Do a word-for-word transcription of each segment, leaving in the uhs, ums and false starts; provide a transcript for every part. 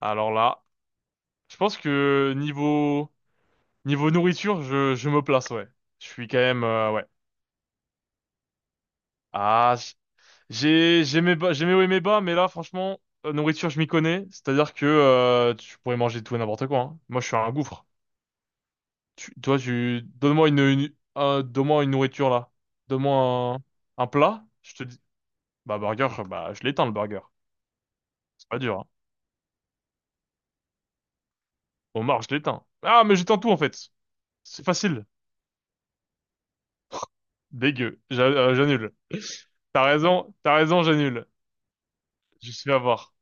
Alors là, je pense que niveau niveau nourriture, je, je me place, ouais. Je suis quand même euh, ouais. Ah, j- j'ai j'ai mes bas, j'ai mes hauts et mes bas, mais là franchement, euh, nourriture, je m'y connais, c'est-à-dire que euh, tu pourrais manger tout et n'importe quoi, hein. Moi, je suis un gouffre. Tu, toi, tu donne-moi une, une- euh, donne-moi une nourriture là. Donne-moi un, un plat, je te dis bah burger, bah je l'éteins le burger. C'est pas dur, hein. Homard, je l'éteins. Ah, mais j'éteins tout en fait. C'est facile. Dégueu. J'a- euh, J'annule. T'as raison, t'as raison, j'annule. Je suis à voir.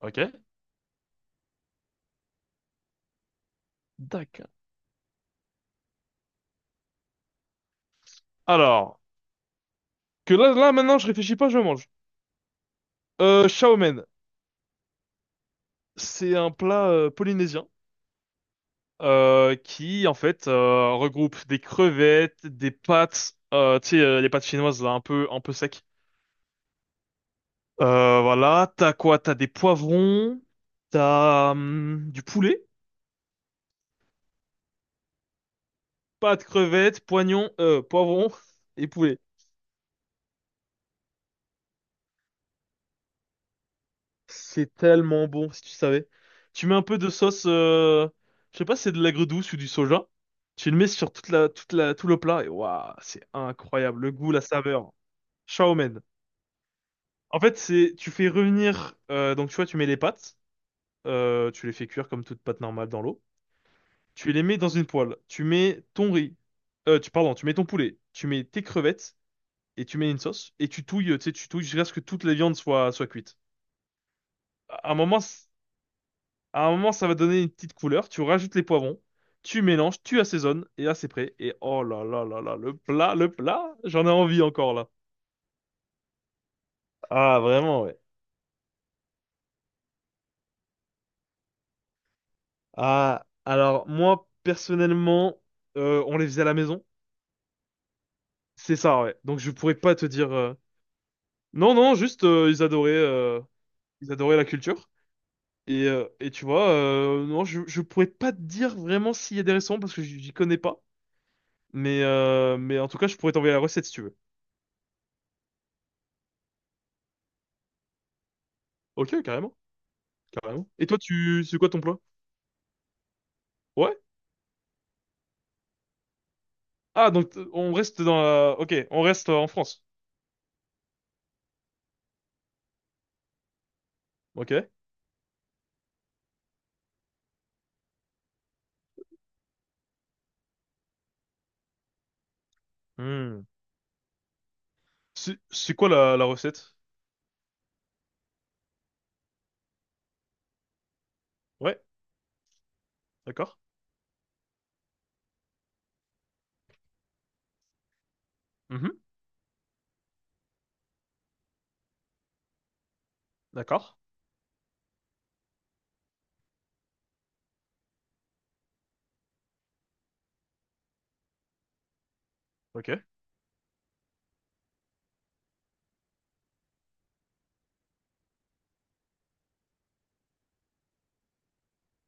Ok? D'accord. Alors, que là, là, maintenant, je réfléchis pas, je mange. Euh, chow mein, c'est un plat euh, polynésien euh, qui, en fait, euh, regroupe des crevettes, des pâtes, euh, tu sais, euh, les pâtes chinoises, là, un peu, un peu sec. Euh, voilà, t'as quoi? T'as des poivrons, t'as hum, du poulet, pâtes, crevettes, poignons, euh, poivrons et poulet. C'est tellement bon, si tu savais. Tu mets un peu de sauce, euh, je sais pas si c'est de l'aigre douce ou du soja. Tu le mets sur toute la, toute la, tout le plat et waouh, c'est incroyable. Le goût, la saveur. Ciao, man. En fait, c'est, tu fais revenir, euh, donc tu vois, tu mets les pâtes, euh, tu les fais cuire comme toute pâte normale dans l'eau. Tu les mets dans une poêle. Tu mets ton riz, euh, tu, pardon, tu mets ton poulet, tu mets tes crevettes et tu mets une sauce et tu touilles, tu sais, tu touilles jusqu'à ce que toute la viande soit, soit cuite. À un moment, c- À un moment, ça va donner une petite couleur. Tu rajoutes les poivrons, tu mélanges, tu assaisonnes, et là, c'est prêt. Et oh là là là là, le plat, le plat, j'en ai envie encore là. Ah, vraiment, ouais. Ah, alors moi, personnellement, euh, on les faisait à la maison. C'est ça, ouais. Donc je pourrais pas te dire… euh, Non, non, juste, euh, ils adoraient, euh, ils adoraient la culture. Et, euh, et tu vois, euh, non, je, je pourrais pas te dire vraiment s'il y a des restaurants parce que j'y j'y connais pas. Mais, euh, mais en tout cas, je pourrais t'envoyer la recette si tu veux. Ok, carrément. Carrément. Et toi, tu, c'est quoi ton plat? Ouais? Ah, donc t- on reste dans la… Ok, on reste euh, en France. Ok. Hmm. C'est c'est quoi la, la recette? Ouais, d'accord. Mhm, d'accord. Ok.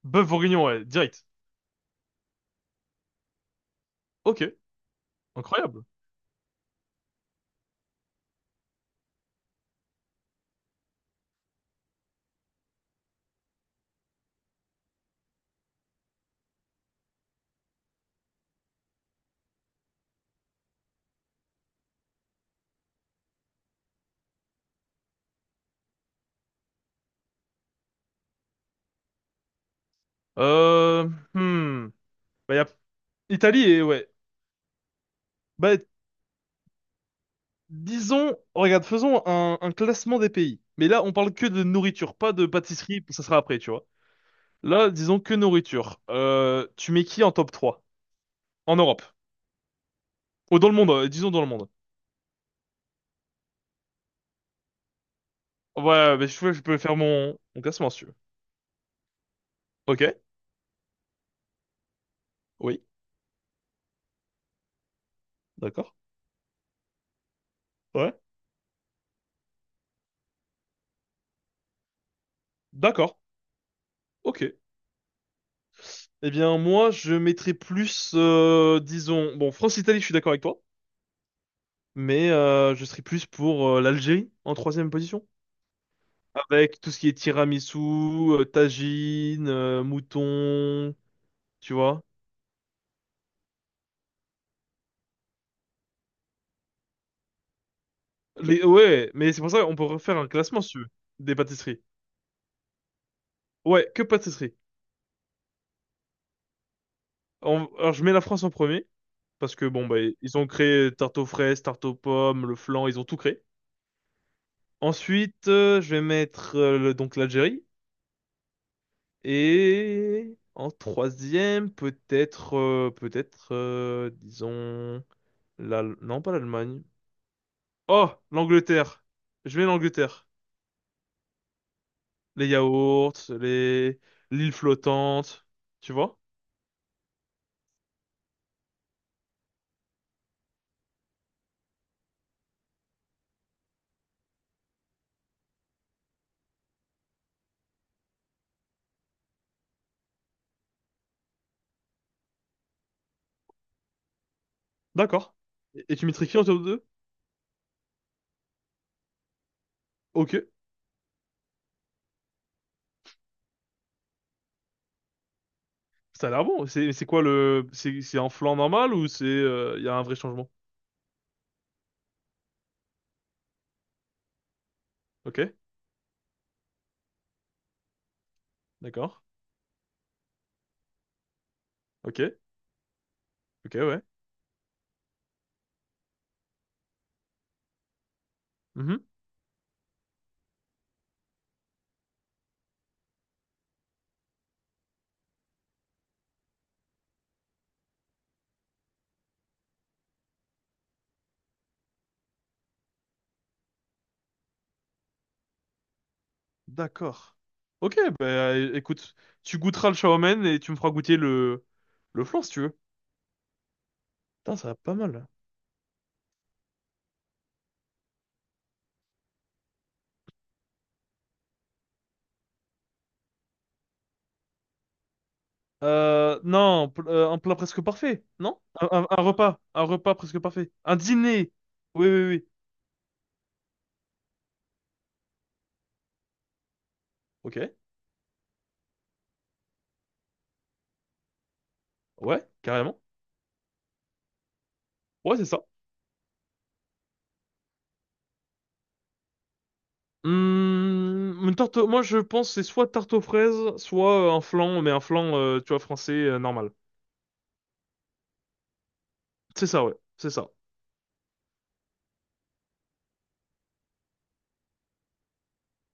Bœuf bourguignon, ouais, direct. Ok, incroyable. Euh… Hmm. Bah, y a Italie et… Ouais. Bah, disons… Regarde, faisons un, un classement des pays. Mais là, on parle que de nourriture, pas de pâtisserie, ça sera après, tu vois. Là, disons que nourriture. Euh, tu mets qui en top trois en Europe? Ou dans le monde, euh, disons dans le monde. Ouais, mais je peux, je peux faire mon, mon classement si tu veux. Ok, oui, d'accord. Ouais, d'accord, ok. Eh bien, moi, je mettrais plus, euh, disons, bon, France-Italie, je suis d'accord avec toi, mais euh, je serais plus pour euh, l'Algérie en troisième position, avec tout ce qui est tiramisu, euh, tagine, euh, mouton, tu vois. Les, ouais, mais c'est pour ça qu'on peut refaire un classement si tu veux, des pâtisseries. Ouais, que pâtisseries. On- alors, je mets la France en premier, parce que bon, bah, ils ont créé tarte aux fraises, tarte aux pommes, le flan, ils ont tout créé. Ensuite, euh, je vais mettre euh, le- donc l'Algérie. Et en troisième, peut-être, euh, peut-être, euh, disons, la… non, pas l'Allemagne. Oh, l'Angleterre. Je mets l'Angleterre. Les yaourts, les l'île flottante, tu vois? D'accord. Et et tu mettrais qui en top deux? Ok, ça a l'air bon. C'est c'est quoi le… C'est c'est un flan normal ou c'est… euh, il y a un vrai changement? Ok. D'accord. Ok. Ok, ouais. Mhm. D'accord. Ok, bah é- écoute, tu goûteras le shawarma et tu me feras goûter le le flan si tu veux. Putain, ça va pas mal là. Euh, non, pl- euh, Un plat presque parfait, non? Un, un- un repas, un repas presque parfait. Un dîner. Oui, oui, oui. Ok. Ouais, carrément. Ouais, c'est ça. Hum, une tarte, moi je pense que c'est soit tarte aux fraises, soit euh, un flan, mais un flan, euh, tu vois, français, euh, normal. C'est ça, ouais. C'est ça.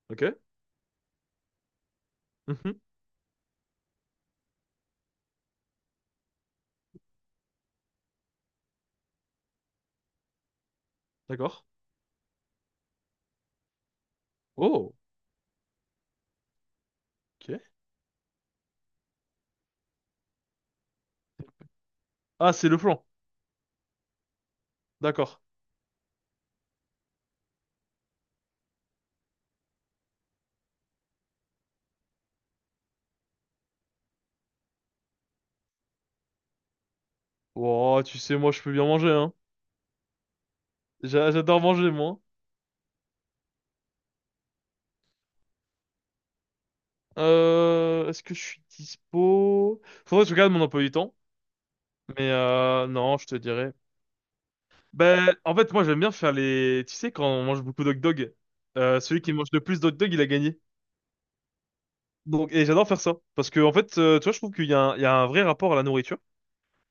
Ok. Mhm. D'accord. Oh. Ok. Ah, c'est le flan. D'accord. Oh, tu sais, moi, je peux bien manger, hein. J'a- J'adore manger, moi. Euh, est-ce que je suis dispo? Faudrait que je regarde mon emploi du temps. Mais euh, non, je te dirais. Ben, en fait, moi, j'aime bien faire les… Tu sais, quand on mange beaucoup d'hot dog, euh, celui qui mange le plus d'hot dog, il a gagné. Donc, et j'adore faire ça. Parce que, en fait, euh, tu vois, je trouve qu'il y a un, il y a un vrai rapport à la nourriture.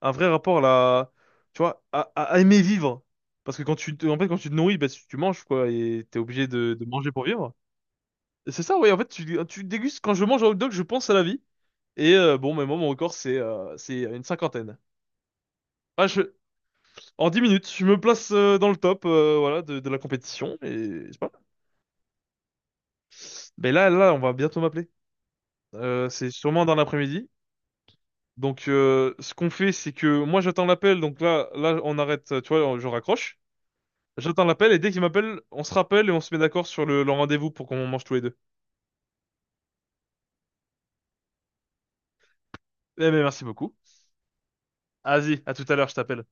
Un vrai rapport à la… Tu vois, à, à- à aimer vivre. Parce que quand tu, te- en fait, quand tu te nourris, ben, tu tu manges, quoi. Et t'es obligé de de manger pour vivre. C'est ça, oui. En fait, tu, tu dégustes. Quand je mange un hot dog, je pense à la vie. Et euh, bon, mais moi, mon record, c'est euh, c'est une cinquantaine. Ah, je, en dix minutes, je me place euh, dans le top euh, voilà, de, de la compétition. Et c'est pas mal. Mais là, là, on va bientôt m'appeler. Euh, c'est sûrement dans l'après-midi. Donc, euh, ce qu'on fait, c'est que moi, j'attends l'appel. Donc là, là, on arrête. euh, Tu vois, je raccroche. J'attends l'appel. Et dès qu'il m'appelle, on se rappelle et on se met d'accord sur le, le rendez-vous pour qu'on mange tous les deux. Eh, mais merci beaucoup. Vas-y, à tout à l'heure, je t'appelle.